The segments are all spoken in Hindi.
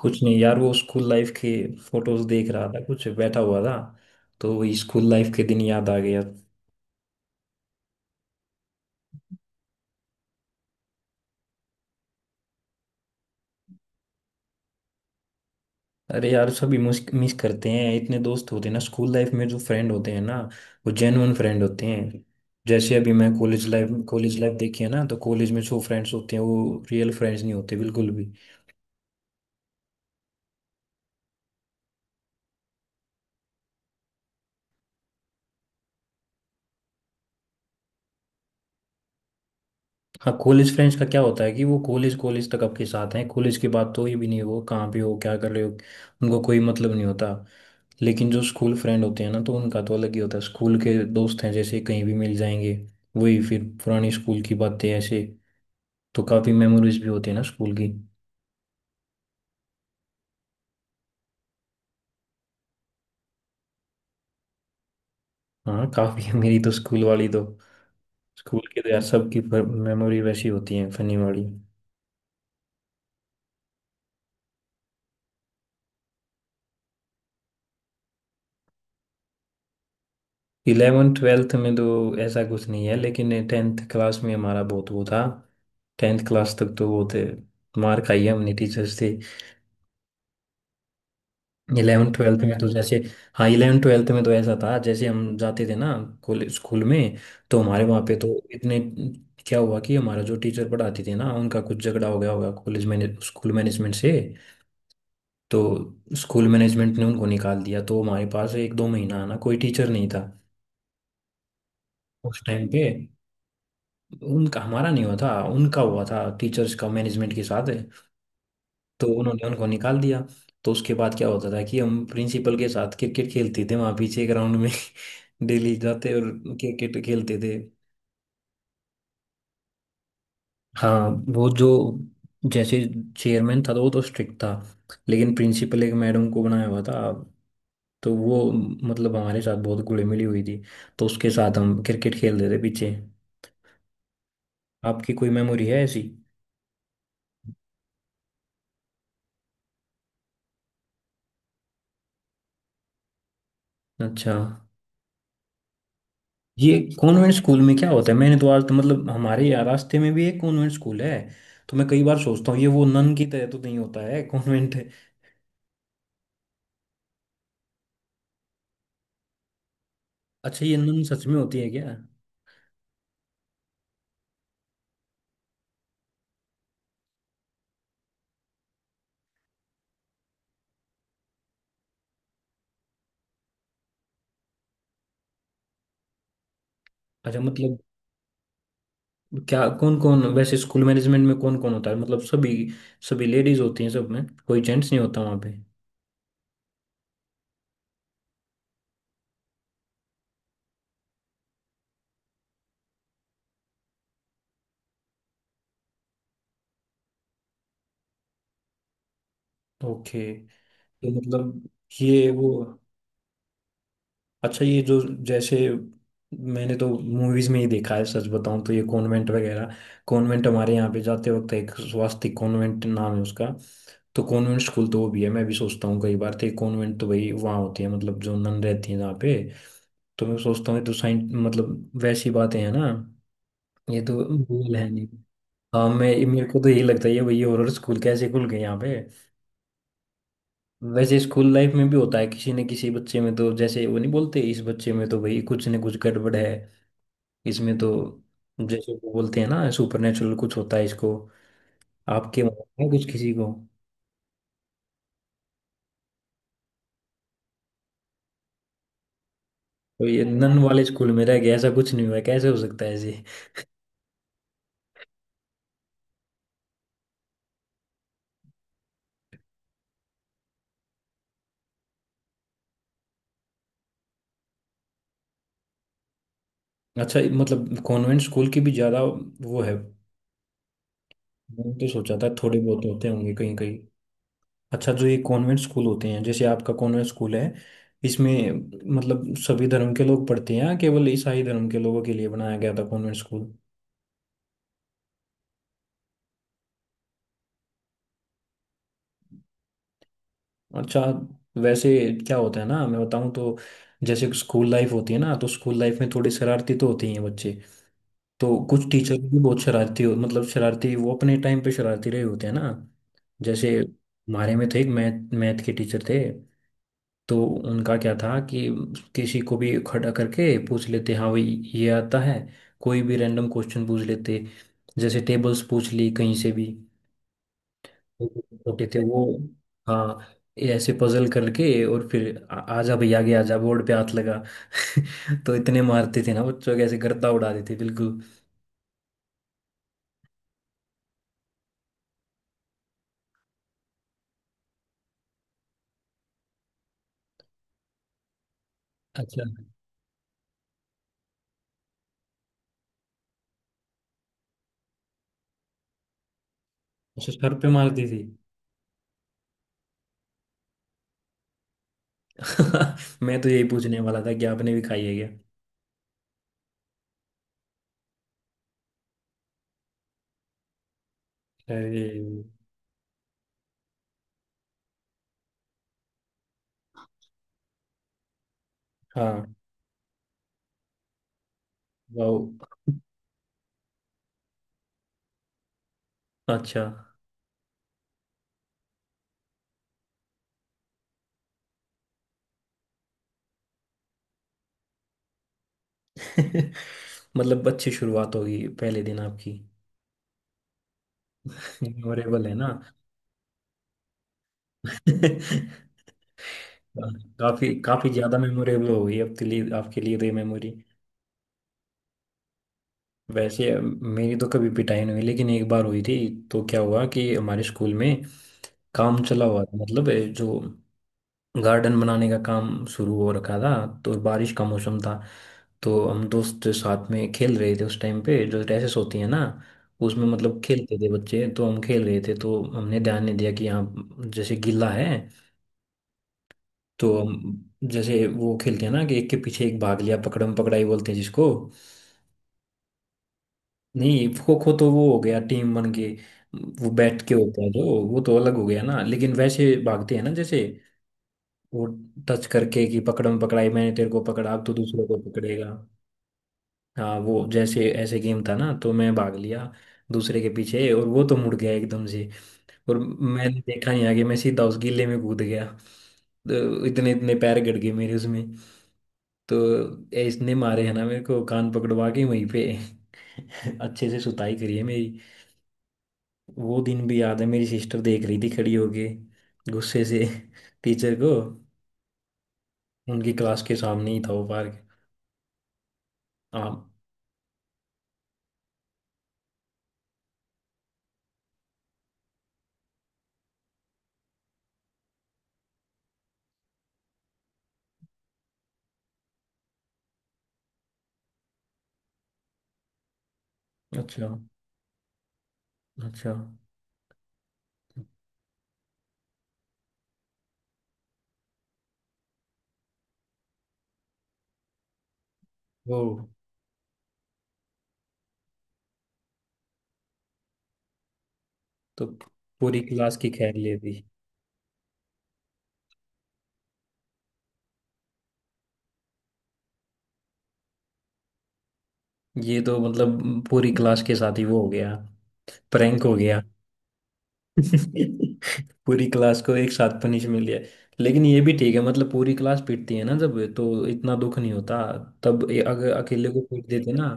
कुछ नहीं यार, वो स्कूल लाइफ के फोटोज देख रहा था, कुछ बैठा हुआ था तो वही स्कूल लाइफ के दिन याद आ गया। अरे यार सभी मिस करते हैं, इतने दोस्त होते हैं ना स्कूल लाइफ में। जो फ्रेंड होते हैं ना वो जेन्युइन फ्रेंड होते हैं। जैसे अभी मैं कॉलेज लाइफ देखी है ना, तो कॉलेज में जो फ्रेंड्स होते हैं वो रियल फ्रेंड्स नहीं होते बिल्कुल भी। हाँ, कॉलेज फ्रेंड्स का क्या होता है कि वो कॉलेज कॉलेज तक आपके साथ हैं। कॉलेज के बाद तो ये भी नहीं हो कहाँ पे हो क्या कर रहे हो, उनको कोई मतलब नहीं होता। लेकिन जो स्कूल फ्रेंड होते हैं ना तो उनका तो अलग ही होता है। स्कूल के दोस्त हैं जैसे कहीं भी मिल जाएंगे, वही फिर पुरानी स्कूल की बातें ऐसे। तो काफ़ी मेमोरीज भी होती है ना स्कूल की। हाँ काफ़ी है, मेरी तो स्कूल वाली तो, स्कूल के तो यार सबकी मेमोरी वैसी होती है, फनी वाली। इलेवन ट्वेल्थ में तो ऐसा कुछ नहीं है, लेकिन टेंथ क्लास में हमारा बहुत वो था। टेंथ क्लास तक तो वो थे, मार खाई है हमने टीचर्स से। इलेवन ट्वेल्थ में तो जैसे, हाँ इलेवन ट्वेल्थ में तो ऐसा था जैसे हम जाते थे ना कॉलेज स्कूल में। तो हमारे वहाँ पे तो इतने, क्या हुआ कि हमारा जो टीचर पढ़ाती थी ना उनका कुछ झगड़ा हो गया होगा कॉलेज मैने स्कूल मैनेजमेंट से। तो स्कूल मैनेजमेंट ने उनको निकाल दिया तो हमारे पास एक दो महीना ना कोई टीचर नहीं था। उस टाइम पे उनका हमारा नहीं हुआ था, उनका हुआ था टीचर्स का मैनेजमेंट के साथ। तो उन्होंने उनको निकाल दिया। तो उसके बाद क्या होता था कि हम प्रिंसिपल के साथ क्रिकेट खेलते थे वहाँ पीछे ग्राउंड में। डेली जाते और क्रिकेट खेलते थे। हाँ, वो जो जैसे चेयरमैन था तो वो तो स्ट्रिक्ट था। लेकिन प्रिंसिपल एक मैडम को बनाया हुआ था, तो वो मतलब हमारे साथ बहुत घुली मिली हुई थी। तो उसके साथ हम क्रिकेट खेलते थे पीछे। आपकी कोई मेमोरी है ऐसी? अच्छा, ये कॉन्वेंट स्कूल में क्या होता है? मैंने तो आज तो, मतलब हमारे यहाँ रास्ते में भी एक कॉन्वेंट स्कूल है, तो मैं कई बार सोचता हूँ ये वो नन की तरह तो नहीं होता है कॉन्वेंट? अच्छा, ये नन सच में होती है क्या? अच्छा मतलब, क्या कौन कौन, वैसे स्कूल मैनेजमेंट में कौन कौन होता है? मतलब सभी सभी लेडीज होती हैं, सब में कोई जेंट्स नहीं होता वहाँ पे? ओके। तो मतलब ये वो, अच्छा ये जो जैसे, मैंने तो मूवीज में ही देखा है सच बताऊं तो, ये कॉन्वेंट वगैरह। कॉन्वेंट, हमारे यहाँ पे जाते वक्त एक स्वास्तिक कॉन्वेंट नाम है उसका, तो कॉन्वेंट स्कूल तो वो भी है। मैं भी सोचता हूँ कई बार तो ये कॉन्वेंट तो भाई वहाँ होती है, मतलब जो नन रहती है जहाँ पे। तो मैं सोचता हूँ ये तो साइंस, मतलब वैसी बातें हैं ना, ये तो रियल है नहीं। हाँ, मैं, मेरे को तो यही लगता है ये भाई हॉरर स्कूल कैसे खुल गए यहाँ पे। वैसे स्कूल लाइफ में भी होता है किसी न किसी बच्चे में, तो जैसे वो नहीं बोलते इस बच्चे में तो भाई कुछ न कुछ गड़बड़ है इसमें तो, जैसे वो बोलते हैं ना सुपर नेचुरल कुछ होता है इसको। आपके में है कुछ किसी को? तो ये नन वाले स्कूल में रह गया, ऐसा कुछ नहीं हुआ? कैसे हो सकता है ऐसे? अच्छा मतलब कॉन्वेंट स्कूल की भी ज़्यादा वो है, मैंने तो सोचा था थोड़े बहुत होते होंगे कहीं। अच्छा जो ये कॉन्वेंट स्कूल होते हैं जैसे आपका कॉन्वेंट स्कूल है, इसमें मतलब सभी धर्म के लोग पढ़ते हैं, या केवल ईसाई धर्म के लोगों के लिए बनाया गया था कॉन्वेंट स्कूल? अच्छा। वैसे क्या होता है ना, मैं बताऊं तो, जैसे स्कूल लाइफ होती है ना, तो स्कूल लाइफ में थोड़ी शरारती तो होती हैं बच्चे। तो कुछ टीचर भी बहुत शरारती हो, मतलब शरारती वो अपने टाइम पे शरारती रहे होते हैं ना। जैसे हमारे में थे, एक मैथ मैथ के टीचर थे। तो उनका क्या था कि किसी को भी खड़ा करके पूछ लेते, हाँ भाई ये आता है? कोई भी रैंडम क्वेश्चन पूछ लेते, जैसे टेबल्स पूछ ली कहीं से भी। होते थे वो। हाँ ये ऐसे पजल करके, और फिर आजा भैया आगे, आजा बोर्ड पे हाथ लगा। तो इतने मारते थे ना बच्चों के, ऐसे गर्दा उड़ा देते बिल्कुल। अच्छा। अच्छा सर पे मारती थी? मैं तो यही पूछने वाला था कि आपने भी खाई है क्या? अरे! हाँ। वाह। अच्छा। मतलब अच्छी शुरुआत होगी पहले दिन आपकी। मेमोरेबल है ना। काफी काफी ज्यादा मेमोरेबल हो गई आपके लिए, आपके लिए तो ये मेमोरी। वैसे मेरी तो कभी पिटाई नहीं हुई, लेकिन एक बार हुई थी। तो क्या हुआ कि हमारे स्कूल में काम चला हुआ था, मतलब जो गार्डन बनाने का काम शुरू हो रखा था। तो बारिश का मौसम था। तो हम दोस्त साथ में खेल रहे थे उस टाइम पे, जो रेसेस होती है ना उसमें मतलब खेलते थे बच्चे। तो हम खेल रहे थे, तो हमने ध्यान नहीं दिया कि यहाँ जैसे गिल्ला है। तो हम जैसे वो खेलते हैं ना कि एक के पीछे एक भाग लिया, पकड़म पकड़ाई बोलते हैं जिसको। नहीं खो खो तो वो हो गया टीम बन के, वो बैठ के होता है जो, वो तो अलग हो गया ना। लेकिन वैसे भागते हैं ना जैसे, वो टच करके कि पकड़म पकड़ाई, मैंने तेरे को पकड़ा, अब तो दूसरे को पकड़ेगा। हाँ वो जैसे ऐसे गेम था ना, तो मैं भाग लिया दूसरे के पीछे, और वो तो मुड़ गया एकदम से, और मैंने देखा नहीं आगे, मैं सीधा उस गिल्ले में कूद गया। तो इतने इतने पैर गड़ गए मेरे उसमें। तो ये इसने मारे है ना मेरे को, कान पकड़वा के वहीं पे। अच्छे से सुताई करी है मेरी। वो दिन भी याद है, मेरी सिस्टर देख रही थी खड़ी होके गुस्से से। टीचर को। उनकी क्लास के सामने ही था वो पार्क। हाँ। अच्छा। अच्छा वो तो पूरी क्लास की खैर ले दी। ये तो मतलब पूरी क्लास के साथ ही वो हो गया, प्रैंक हो गया। पूरी क्लास को एक साथ पनिश मिल गया। लेकिन ये भी ठीक है, मतलब पूरी क्लास पीटती है ना जब, तो इतना दुख नहीं होता। तब ये अगर अकेले को पीट देते ना,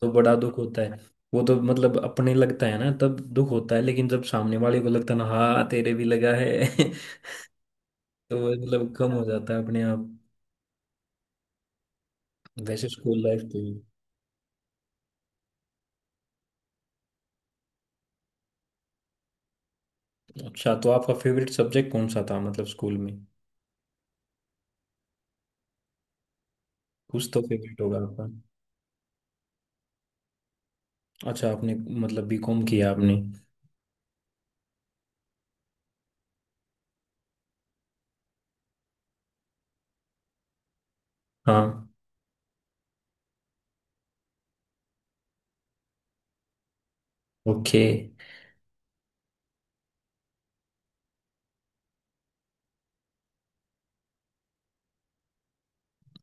तो बड़ा दुख होता है। वो तो मतलब अपने लगता है ना तब दुख होता है, लेकिन जब सामने वाले को लगता है ना, हाँ तेरे भी लगा है। तो वो मतलब कम हो जाता है अपने आप। वैसे स्कूल लाइफ थी। अच्छा तो आपका फेवरेट सब्जेक्ट कौन सा था, मतलब स्कूल में? कुछ तो फेवरेट होगा आपका। अच्छा आपने, मतलब बीकॉम किया आपने? हाँ। ओके।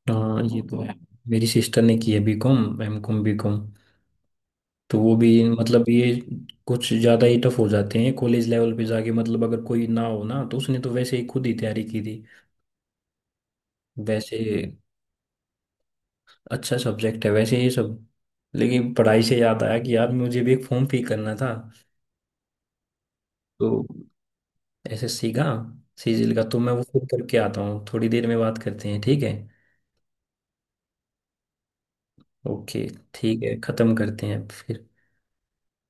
हाँ ये तो है, मेरी सिस्टर ने की है बीकॉम एम कॉम बीकॉम। तो वो भी मतलब ये कुछ ज़्यादा ही टफ हो जाते हैं कॉलेज लेवल पे जाके, मतलब अगर कोई ना हो ना, तो उसने तो वैसे ही खुद ही तैयारी की थी। वैसे अच्छा सब्जेक्ट है वैसे ये सब। लेकिन पढ़ाई से याद आया कि यार मुझे भी एक फॉर्म फिल करना था। तो ऐसे सीगा सीजिल का, तो मैं वो फिर करके आता हूँ, थोड़ी देर में बात करते हैं, ठीक है? ओके। ठीक है, ख़त्म करते हैं फिर।